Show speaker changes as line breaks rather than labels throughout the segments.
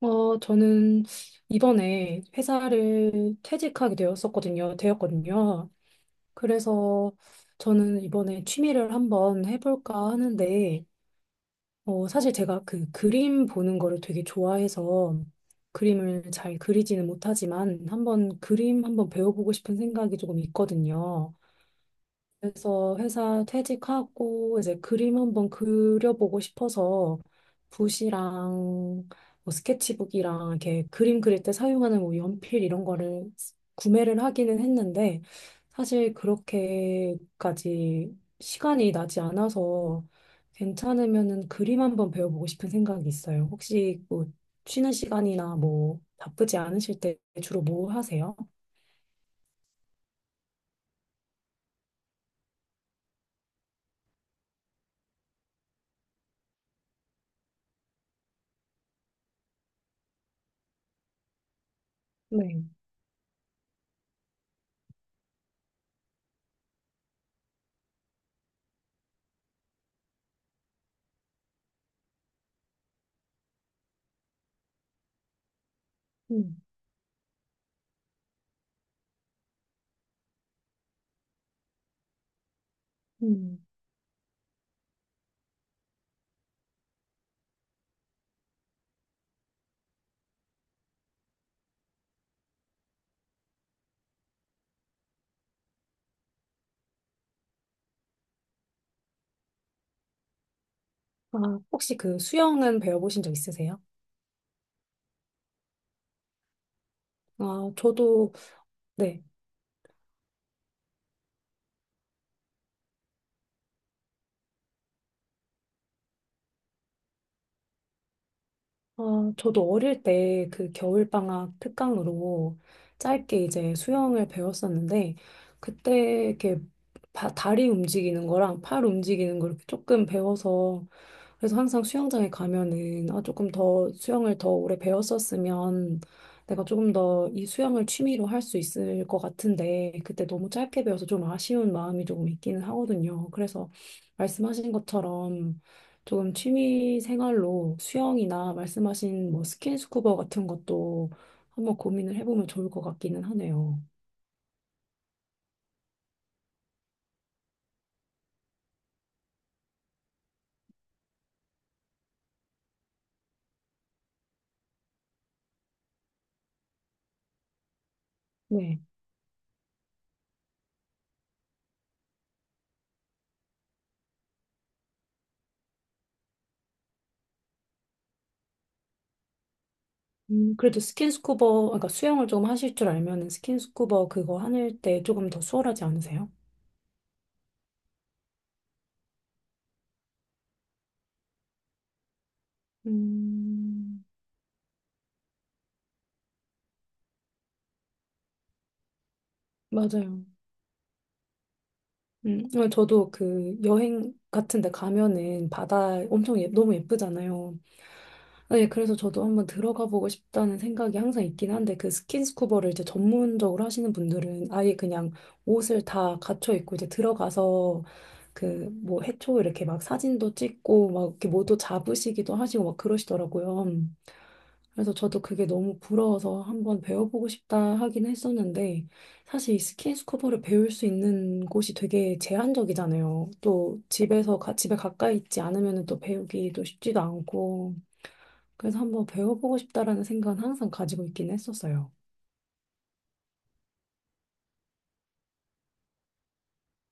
어, 저는 이번에 회사를 퇴직하게 되었었거든요. 되었거든요. 그래서 저는 이번에 취미를 한번 해볼까 하는데, 사실 제가 그 그림 보는 거를 되게 좋아해서 그림을 잘 그리지는 못하지만 한번 그림 한번 배워보고 싶은 생각이 조금 있거든요. 그래서 회사 퇴직하고 이제 그림 한번 그려보고 싶어서 붓이랑 뭐 스케치북이랑 이렇게 그림 그릴 때 사용하는 뭐 연필 이런 거를 구매를 하기는 했는데 사실 그렇게까지 시간이 나지 않아서 괜찮으면은 그림 한번 배워보고 싶은 생각이 있어요. 혹시 뭐 쉬는 시간이나 뭐 바쁘지 않으실 때 주로 뭐 하세요? 네. 음. 음. 아, 혹시 그 수영은 배워보신 적 있으세요? 아, 저도, 네. 아, 저도 어릴 때 그 겨울방학 특강으로 짧게 이제 수영을 배웠었는데, 그때 이렇게 다리 움직이는 거랑 팔 움직이는 거 이렇게 조금 배워서 그래서 항상 수영장에 가면은 아 조금 더 수영을 더 오래 배웠었으면 내가 조금 더 이 수영을 취미로 할 수 있을 것 같은데 그때 너무 짧게 배워서 좀 아쉬운 마음이 조금 있기는 하거든요. 그래서 말씀하신 것처럼 조금 취미 생활로 수영이나 말씀하신 뭐 스킨스쿠버 같은 것도 한번 고민을 해보면 좋을 것 같기는 하네요. 네. 그래도 스킨스쿠버, 그러니까 수영을 조금 하실 줄 알면은 스킨스쿠버 그거 하실 때 조금 더 수월하지 않으세요? 음, 맞아요. 어, 저도 그 여행 같은 데 가면은 바다 엄청 예, 너무 예쁘잖아요. 아, 예, 그래서 저도 한번 들어가 보고 싶다는 생각이 항상 있긴 한데 그 스킨스쿠버를 이제 전문적으로 하시는 분들은 아예 그냥 옷을 다 갖춰 입고 이제 들어가서 그 뭐 해초 이렇게 막 사진도 찍고 막 이렇게 모도 잡으시기도 하시고 막 그러시더라고요. 그래서 저도 그게 너무 부러워서 한번 배워보고 싶다 하긴 했었는데, 사실 이 스킨스쿠버를 배울 수 있는 곳이 되게 제한적이잖아요. 또 집에 가까이 있지 않으면 또 배우기도 쉽지도 않고, 그래서 한번 배워보고 싶다라는 생각은 항상 가지고 있긴 했었어요.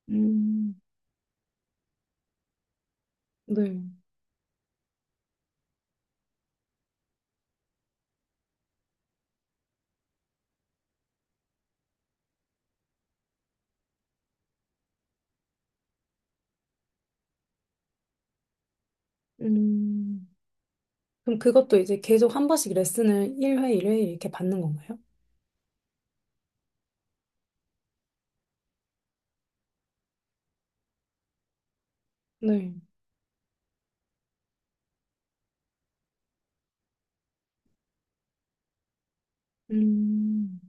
음, 네. 음, 그럼 그것도 이제 계속 한 번씩 레슨을 일회 이렇게 받는 건가요? 네. 음.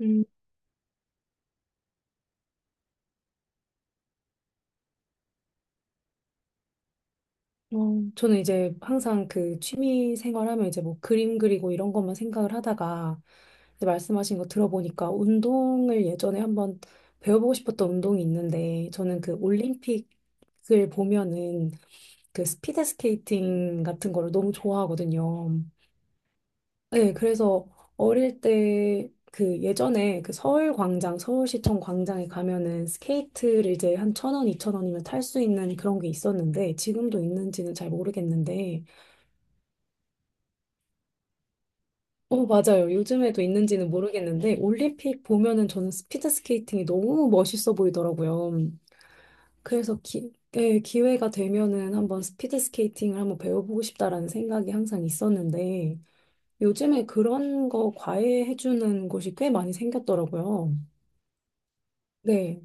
음. 어, 저는 이제 항상 그 취미 생활하면 이제 뭐 그림 그리고 이런 것만 생각을 하다가 이제 말씀하신 거 들어보니까 운동을 예전에 한번 배워보고 싶었던 운동이 있는데 저는 그 올림픽을 보면은 그 스피드 스케이팅 같은 거를 너무 좋아하거든요. 네, 그래서 어릴 때 그 예전에 그 서울 광장, 서울시청 광장에 가면은 스케이트를 이제 한 천 원, 이천 원이면 탈 수 있는 그런 게 있었는데 지금도 있는지는 잘 모르겠는데 어, 맞아요. 요즘에도 있는지는 모르겠는데, 올림픽 보면은 저는 스피드 스케이팅이 너무 멋있어 보이더라고요. 그래서 예, 기회가 되면은 한번 스피드 스케이팅을 한번 배워보고 싶다라는 생각이 항상 있었는데, 요즘에 그런 거 과외해주는 곳이 꽤 많이 생겼더라고요. 네.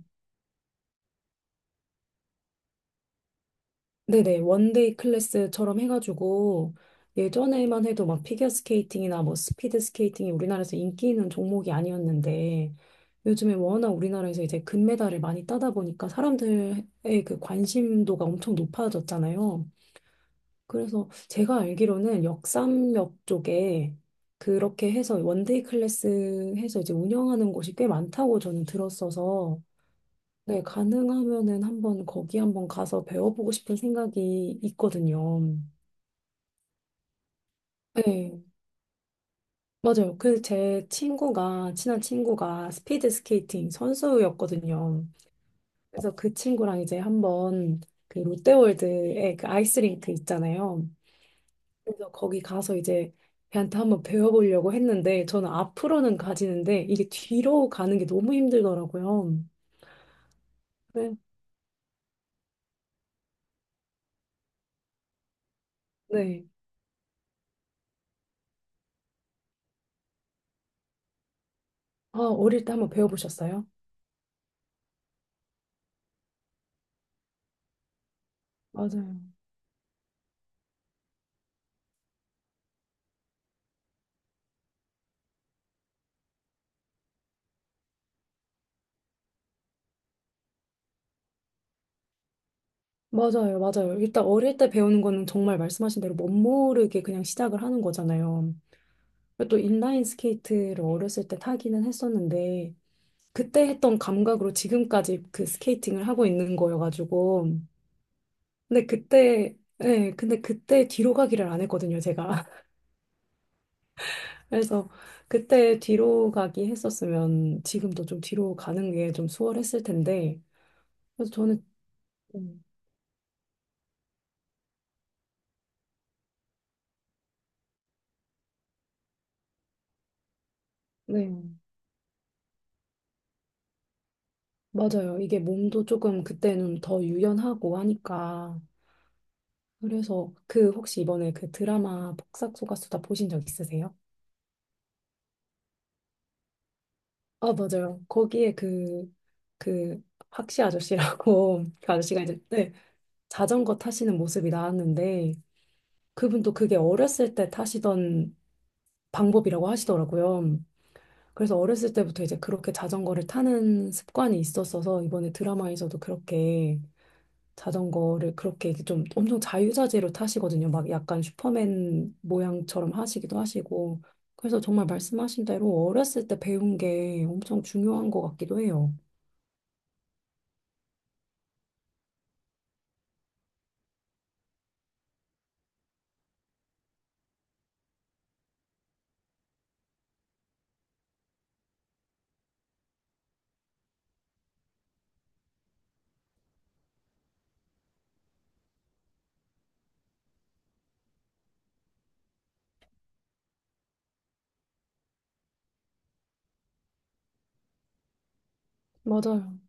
네네, 원데이 클래스처럼 해가지고 예전에만 해도 막 피겨 스케이팅이나 뭐 스피드 스케이팅이 우리나라에서 인기 있는 종목이 아니었는데 요즘에 워낙 우리나라에서 이제 금메달을 많이 따다 보니까 사람들의 그 관심도가 엄청 높아졌잖아요. 그래서 제가 알기로는 역삼역 쪽에 그렇게 해서 원데이 클래스 해서 이제 운영하는 곳이 꽤 많다고 저는 들었어서 네, 가능하면은 한번 거기 한번 가서 배워보고 싶은 생각이 있거든요. 네, 맞아요. 그 제 친구가, 친한 친구가 스피드 스케이팅 선수였거든요. 그래서 그 친구랑 이제 한번 그 롯데월드에 그 아이스링크 있잖아요. 그래서 거기 가서 이제 걔한테 한번 배워보려고 했는데 저는 앞으로는 가지는데 이게 뒤로 가는 게 너무 힘들더라고요. 네, 네. 아, 어릴 때 한번 배워보셨어요? 맞아요. 맞아요, 맞아요. 일단 어릴 때 배우는 거는 정말 말씀하신 대로 멋모르게 그냥 시작을 하는 거잖아요. 또 인라인 스케이트를 어렸을 때 타기는 했었는데, 그때 했던 감각으로 지금까지 그 스케이팅을 하고 있는 거여가지고. 근데 그때, 네, 근데 그때 뒤로 가기를 안 했거든요, 제가. 그래서 그때 뒤로 가기 했었으면 지금도 좀 뒤로 가는 게 좀 수월했을 텐데. 그래서 저는, 음, 네, 맞아요. 이게 몸도 조금 그때는 더 유연하고 하니까. 그래서 그 혹시 이번에 그 드라마 복싹소가수다 보신 적 있으세요? 아, 맞아요. 거기에 그, 박씨 아저씨라고, 그 아저씨가 이제, 네, 자전거 타시는 모습이 나왔는데, 그분도 그게 어렸을 때 타시던 방법이라고 하시더라고요. 그래서 어렸을 때부터 이제 그렇게 자전거를 타는 습관이 있었어서, 이번에 드라마에서도 그렇게 자전거를 그렇게 좀 엄청 자유자재로 타시거든요. 막 약간 슈퍼맨 모양처럼 하시기도 하시고. 그래서 정말 말씀하신 대로 어렸을 때 배운 게 엄청 중요한 것 같기도 해요. 맞아요.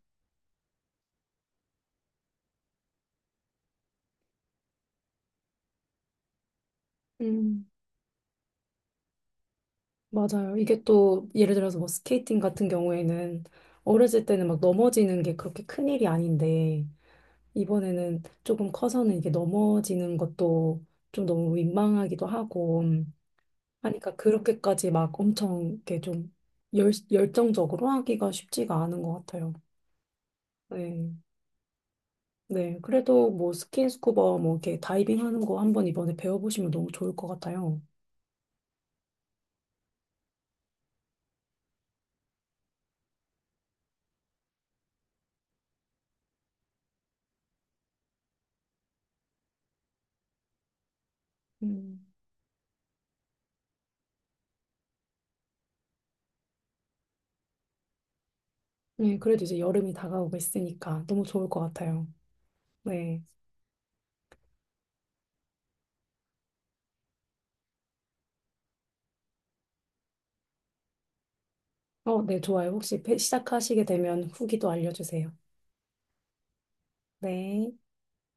음, 맞아요. 이게 또 예를 들어서 뭐 스케이팅 같은 경우에는 어렸을 때는 막 넘어지는 게 그렇게 큰일이 아닌데 이번에는 조금 커서는 이게 넘어지는 것도 좀 너무 민망하기도 하고 하니그니까 그렇게까지 막 엄청 이렇게 좀 열정적으로 하기가 쉽지가 않은 것 같아요. 네. 네. 그래도 뭐 스킨스쿠버 뭐 이렇게 다이빙 하는 거 한번 이번에 배워보시면 너무 좋을 것 같아요. 음. 네. 그래도 이제 여름이 다가오고 있으니까 너무 좋을 것 같아요. 네. 어, 네. 좋아요. 혹시 시작하시게 되면 후기도 알려주세요. 네.